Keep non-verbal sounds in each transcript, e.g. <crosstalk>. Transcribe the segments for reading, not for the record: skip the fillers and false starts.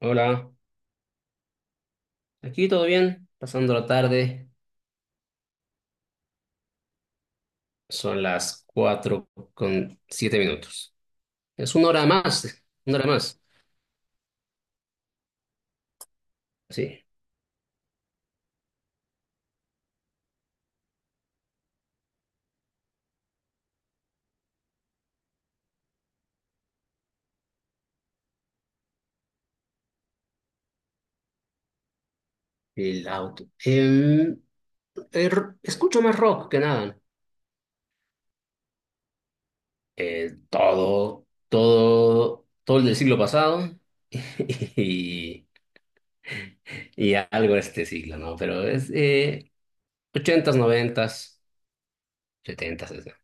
Hola, aquí todo bien, pasando la tarde, son las cuatro con siete minutos. Es una hora más, sí, el auto. Escucho más rock que nada. Todo, todo, todo el del siglo pasado <laughs> y, y algo de este siglo, ¿no? Pero es 80s, 90s. es-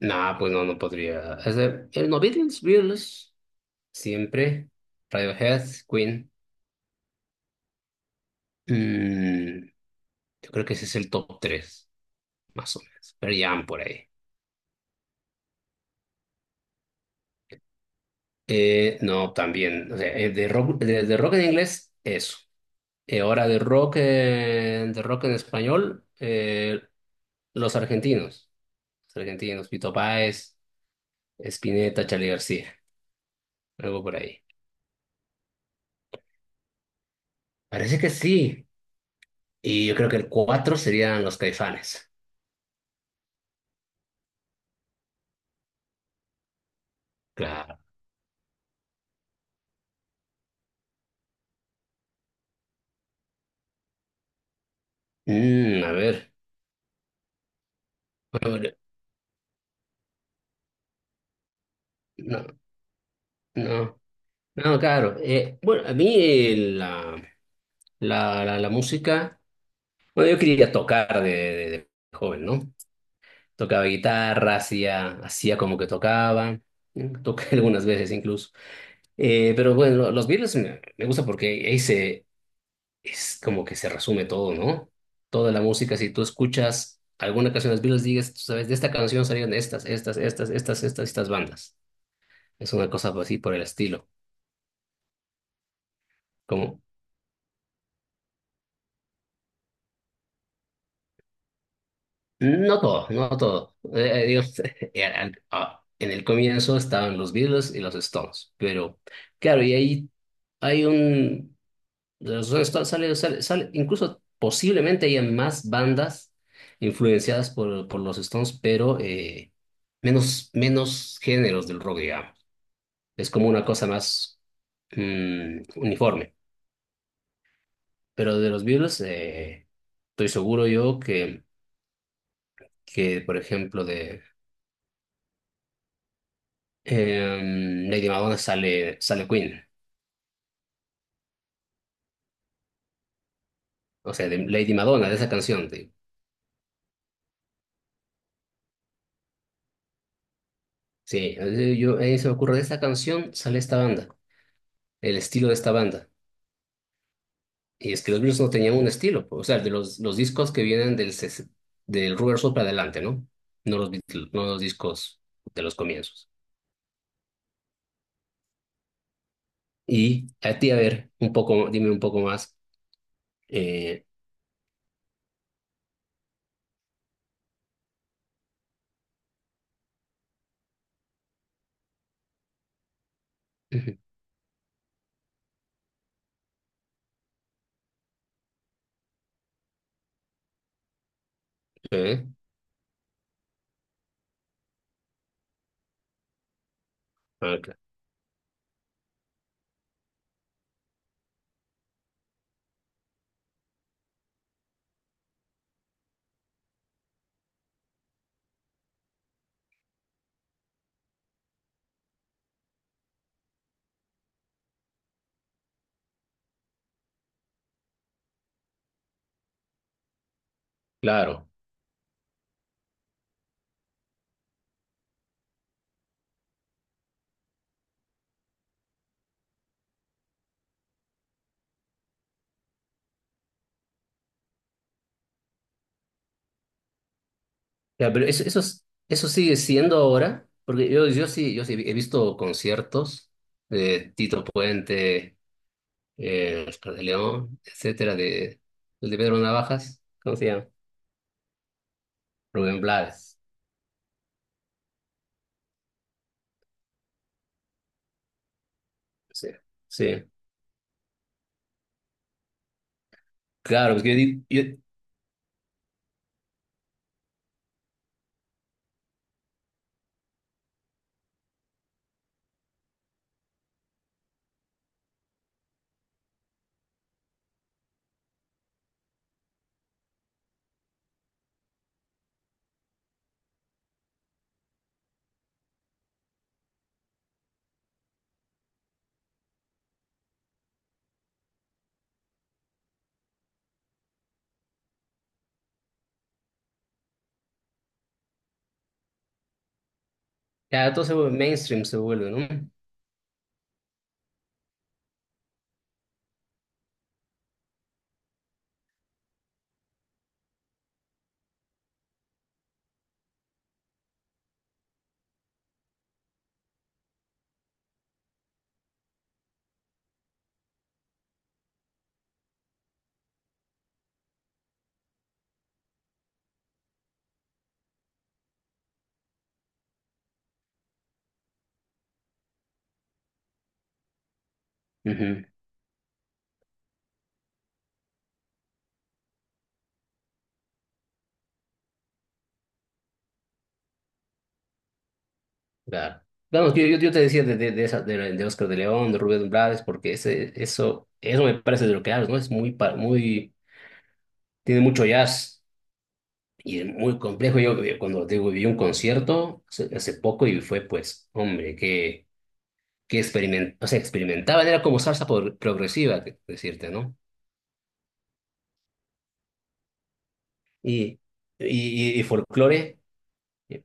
no, pues no, no podría. ¿No, Beatles? Beatles siempre. Radiohead, Queen. Mm, yo creo que ese es el top tres, más o menos. Pero ya por ahí. No, también. O sea, de rock, de rock en inglés, eso. Ahora de rock en español, los argentinos. Los argentinos, Pito Páez, Spinetta, Charly García. Algo por ahí. Parece que sí. Y yo creo que el 4 serían los Caifanes. Claro. A ver. Bueno, no, no. No, claro. Bueno, a mí la música, bueno, yo quería tocar de joven, ¿no? Tocaba guitarra, hacía, hacía como que tocaba, ¿eh? Toqué <laughs> algunas veces incluso. Pero bueno, los Beatles me gusta porque es como que se resume todo, ¿no? Toda la música, si tú escuchas alguna canción de los Beatles, digas, tú sabes, de esta canción salieron estas, estas, estas, estas, estas, estas bandas. Es una cosa así por el estilo. Como, No todo, no todo. Digo, <laughs> ah, en el comienzo estaban los Beatles y los Stones, pero claro. Y ahí hay un... De Los Stones sale incluso posiblemente haya más bandas influenciadas por los Stones, pero menos, menos géneros del rock, digamos. Es como una cosa más uniforme. Pero de los Beatles, estoy seguro yo que, por ejemplo, de... Lady Madonna sale Queen. O sea, de Lady Madonna, de esa canción, te digo. Sí, a mí se me ocurre, de esta canción sale esta banda, el estilo de esta banda. Y es que los Beatles no tenían un estilo, pues, o sea, de los discos que vienen del Rubber Soul para adelante, ¿no? No los discos de los comienzos. Y a ti, a ver, un poco, dime un poco más. Eh, Ujú. ¿Eh? Ah, claro. Ya, pero eso sigue siendo ahora, porque yo sí, yo sí he visto conciertos de Tito Puente, Oscar de León, etcétera, de, el de Pedro Navajas, ¿cómo se llama? Rubén Blades. Sí, sí. Claro, porque ya todo se vuelve mainstream, se vuelve, ¿no? Ujú, claro. Vamos, yo te decía de Oscar de León, de Rubén Blades, porque eso me parece de lo que hablas, ¿no? Es muy, muy, tiene mucho jazz. Y es muy complejo, cuando te digo, vi un concierto hace poco y fue, pues, hombre, o sea, experimentaban, era como salsa progresiva, decirte, ¿no? Y, y folclore, eh,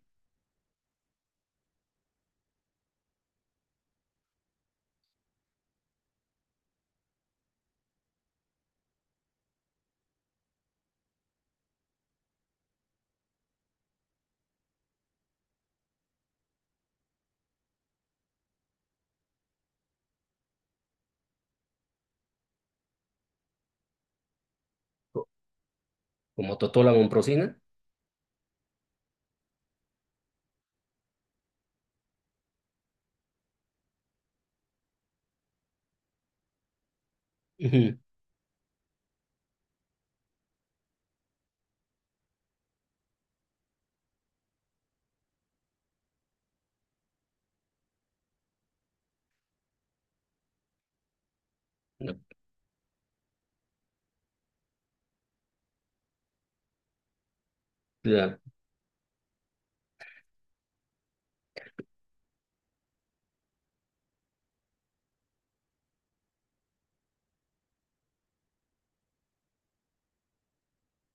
como Totola Momprosina. Ujú. No, ya,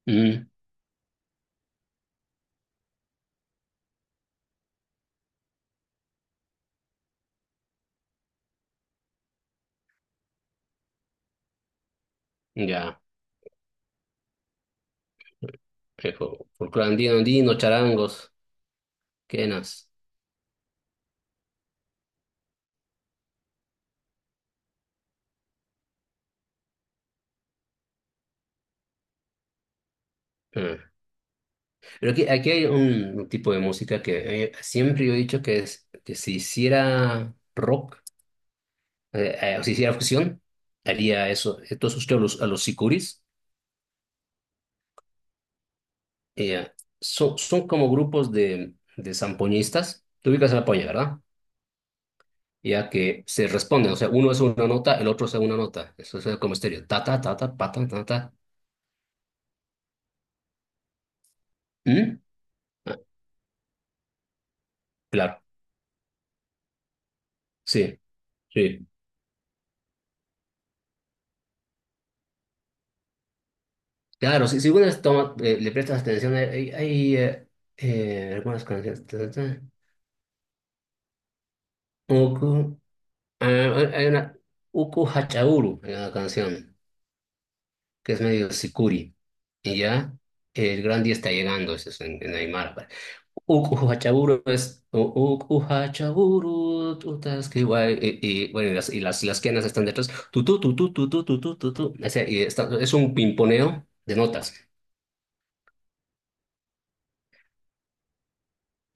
ujú, ya, folclore andino, andino, charangos, quenas. Ah. Pero aquí hay un tipo de música que, siempre yo he dicho que, que se hiciera rock. Si hiciera fusión, haría eso. Entonces usted a los sicuris, eh, son como grupos de zampoñistas. Tú ubicas a la poña, ¿verdad? Ya que se responden, o sea, uno es una nota, el otro es una nota. Eso es como estéreo. Ta, ta, ta, ta, pa, ta, ta, ta. ¿Mm? Ah, claro, sí, sí. Claro, si uno le prestas atención, hay algunas canciones. Ta, ta, ta. Uku, ah, hay una, Uku Hachauru, hay una canción. Que es medio sicuri, y ya el gran día está llegando, eso es en Aymara. Uk Ujachaburu, tutas que guay, bueno, las quenas están detrás, tu tu tu tu tu tu tu tu tu, tu. O sea, es un pimponeo de notas,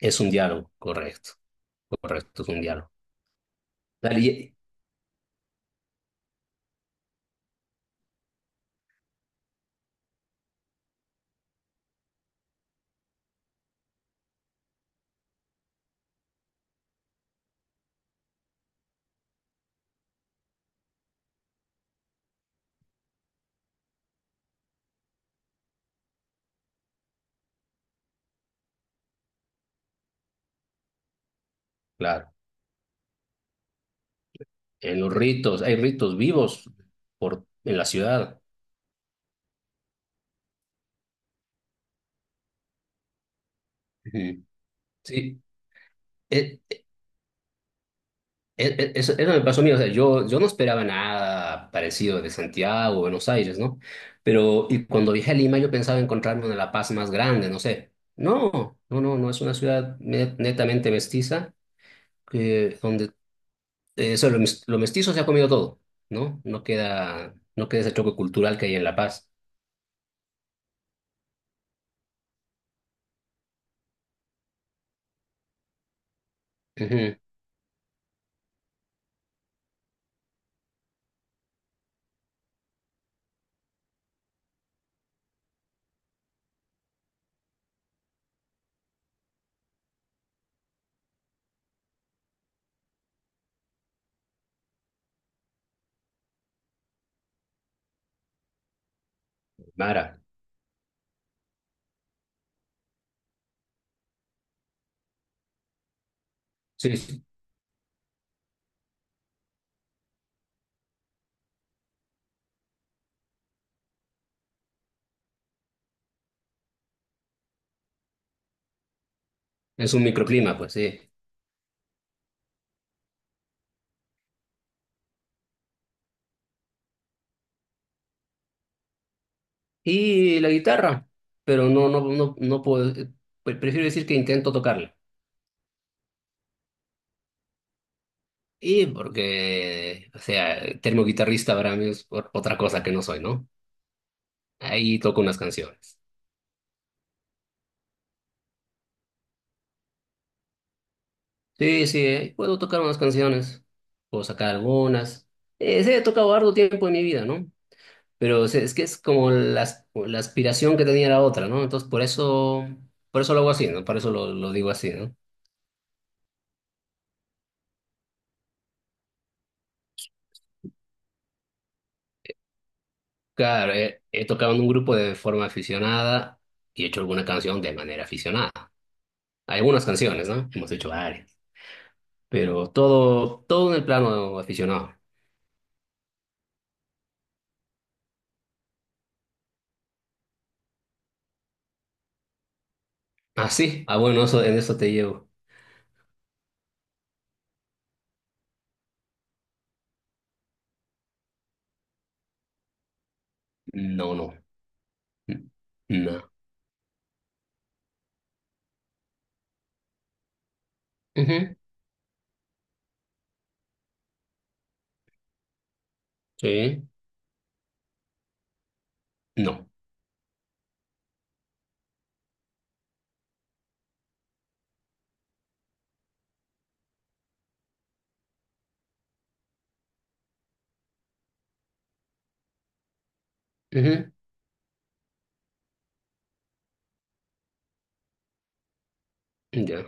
es un diálogo, correcto, correcto, es un diálogo. Dale, claro, en los ritos, hay ritos vivos en la ciudad. Ujú. Sí, eh, eso, eso me pasó a mí, o sea, yo no esperaba nada parecido de Santiago o Buenos Aires, ¿no? Pero y cuando viajé a Lima yo pensaba encontrarme una La Paz más grande, no sé. No, no, no, no es una ciudad netamente mestiza, donde lo mestizo se ha comido todo, ¿no? No queda, no queda ese choque cultural que hay en La Paz. Ujú, Mara, sí, sí, es un microclima, pues sí. Y la guitarra, pero no, no, no, no puedo, prefiero decir que intento tocarla. Y porque, o sea, termo guitarrista para mí es otra cosa que no soy, ¿no? Ahí toco unas canciones. Sí, sí, puedo tocar unas canciones, puedo sacar algunas. Sí, he tocado harto tiempo en mi vida, ¿no? Pero o sea, es que es como la aspiración que tenía la otra, ¿no? Entonces, por eso lo hago así, ¿no? Por eso lo digo así, ¿no? Claro, he tocado en un grupo de forma aficionada y he hecho alguna canción de manera aficionada. Algunas canciones, ¿no? Hemos hecho varias. Pero todo, todo en el plano aficionado. Ah, sí. Ah, bueno, eso, en eso te llevo. No, no. No. Ujú. Sí. No. Ujú. Ya.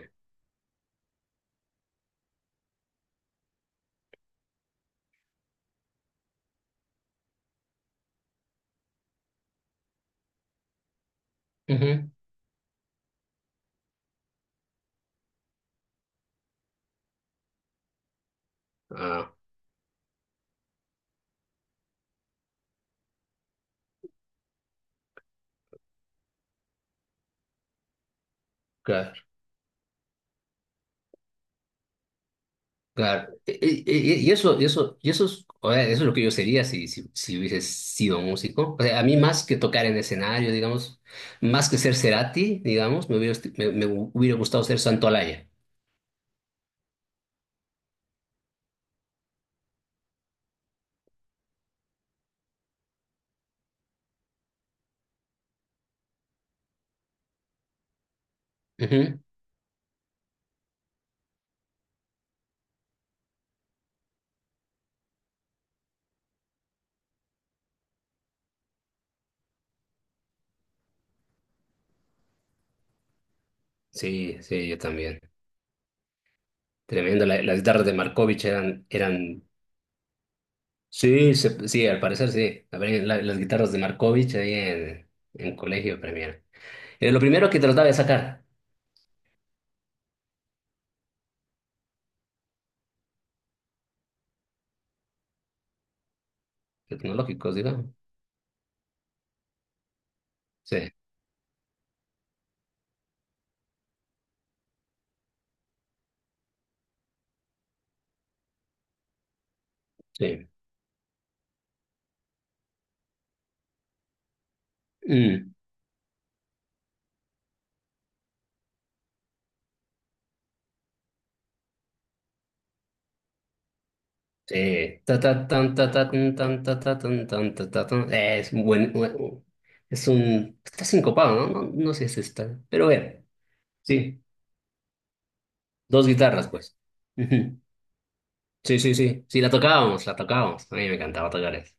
Ujú. Ah, claro. Claro. Y eso es, o sea, eso es lo que yo sería si hubiese sido músico. O sea, a mí más que tocar en escenario, digamos, más que ser Cerati, digamos, me hubiera gustado ser Santolaya. Ujú. Sí, sí, yo también. Tremendo. Las guitarras de Markovich eran. Sí, sí, al parecer sí. A ver, las guitarras de Markovich ahí en colegio premier. Lo primero que trataba de sacar, tecnológicos, digamos. Sí, sí. Mm, sí. Ta, ta, tan, tan, ta, ta, tan, tan, ta, ta, tan. Es un buen- está sincopado, ¿no? No, no sé si está, pero bueno, sí, dos guitarras, pues. Ujú. Sí, sí, sí, sí, la tocábamos, la tocábamos. A mí me encantaba tocar eso.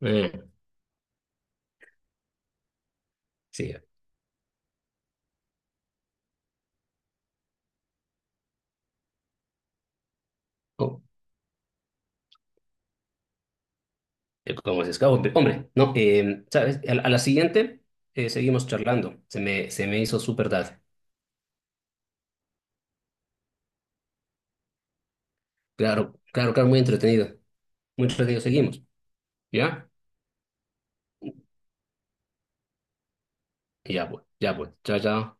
Eh, sí. Oh. Como se escapa, hombre, no, ¿sabes? A la siguiente, seguimos charlando. Se me hizo súper tarde. Claro, claro, claro, muy entretenido. Muy entretenido, seguimos. ¿Ya? Ya pues, ya pues. Chao, chao.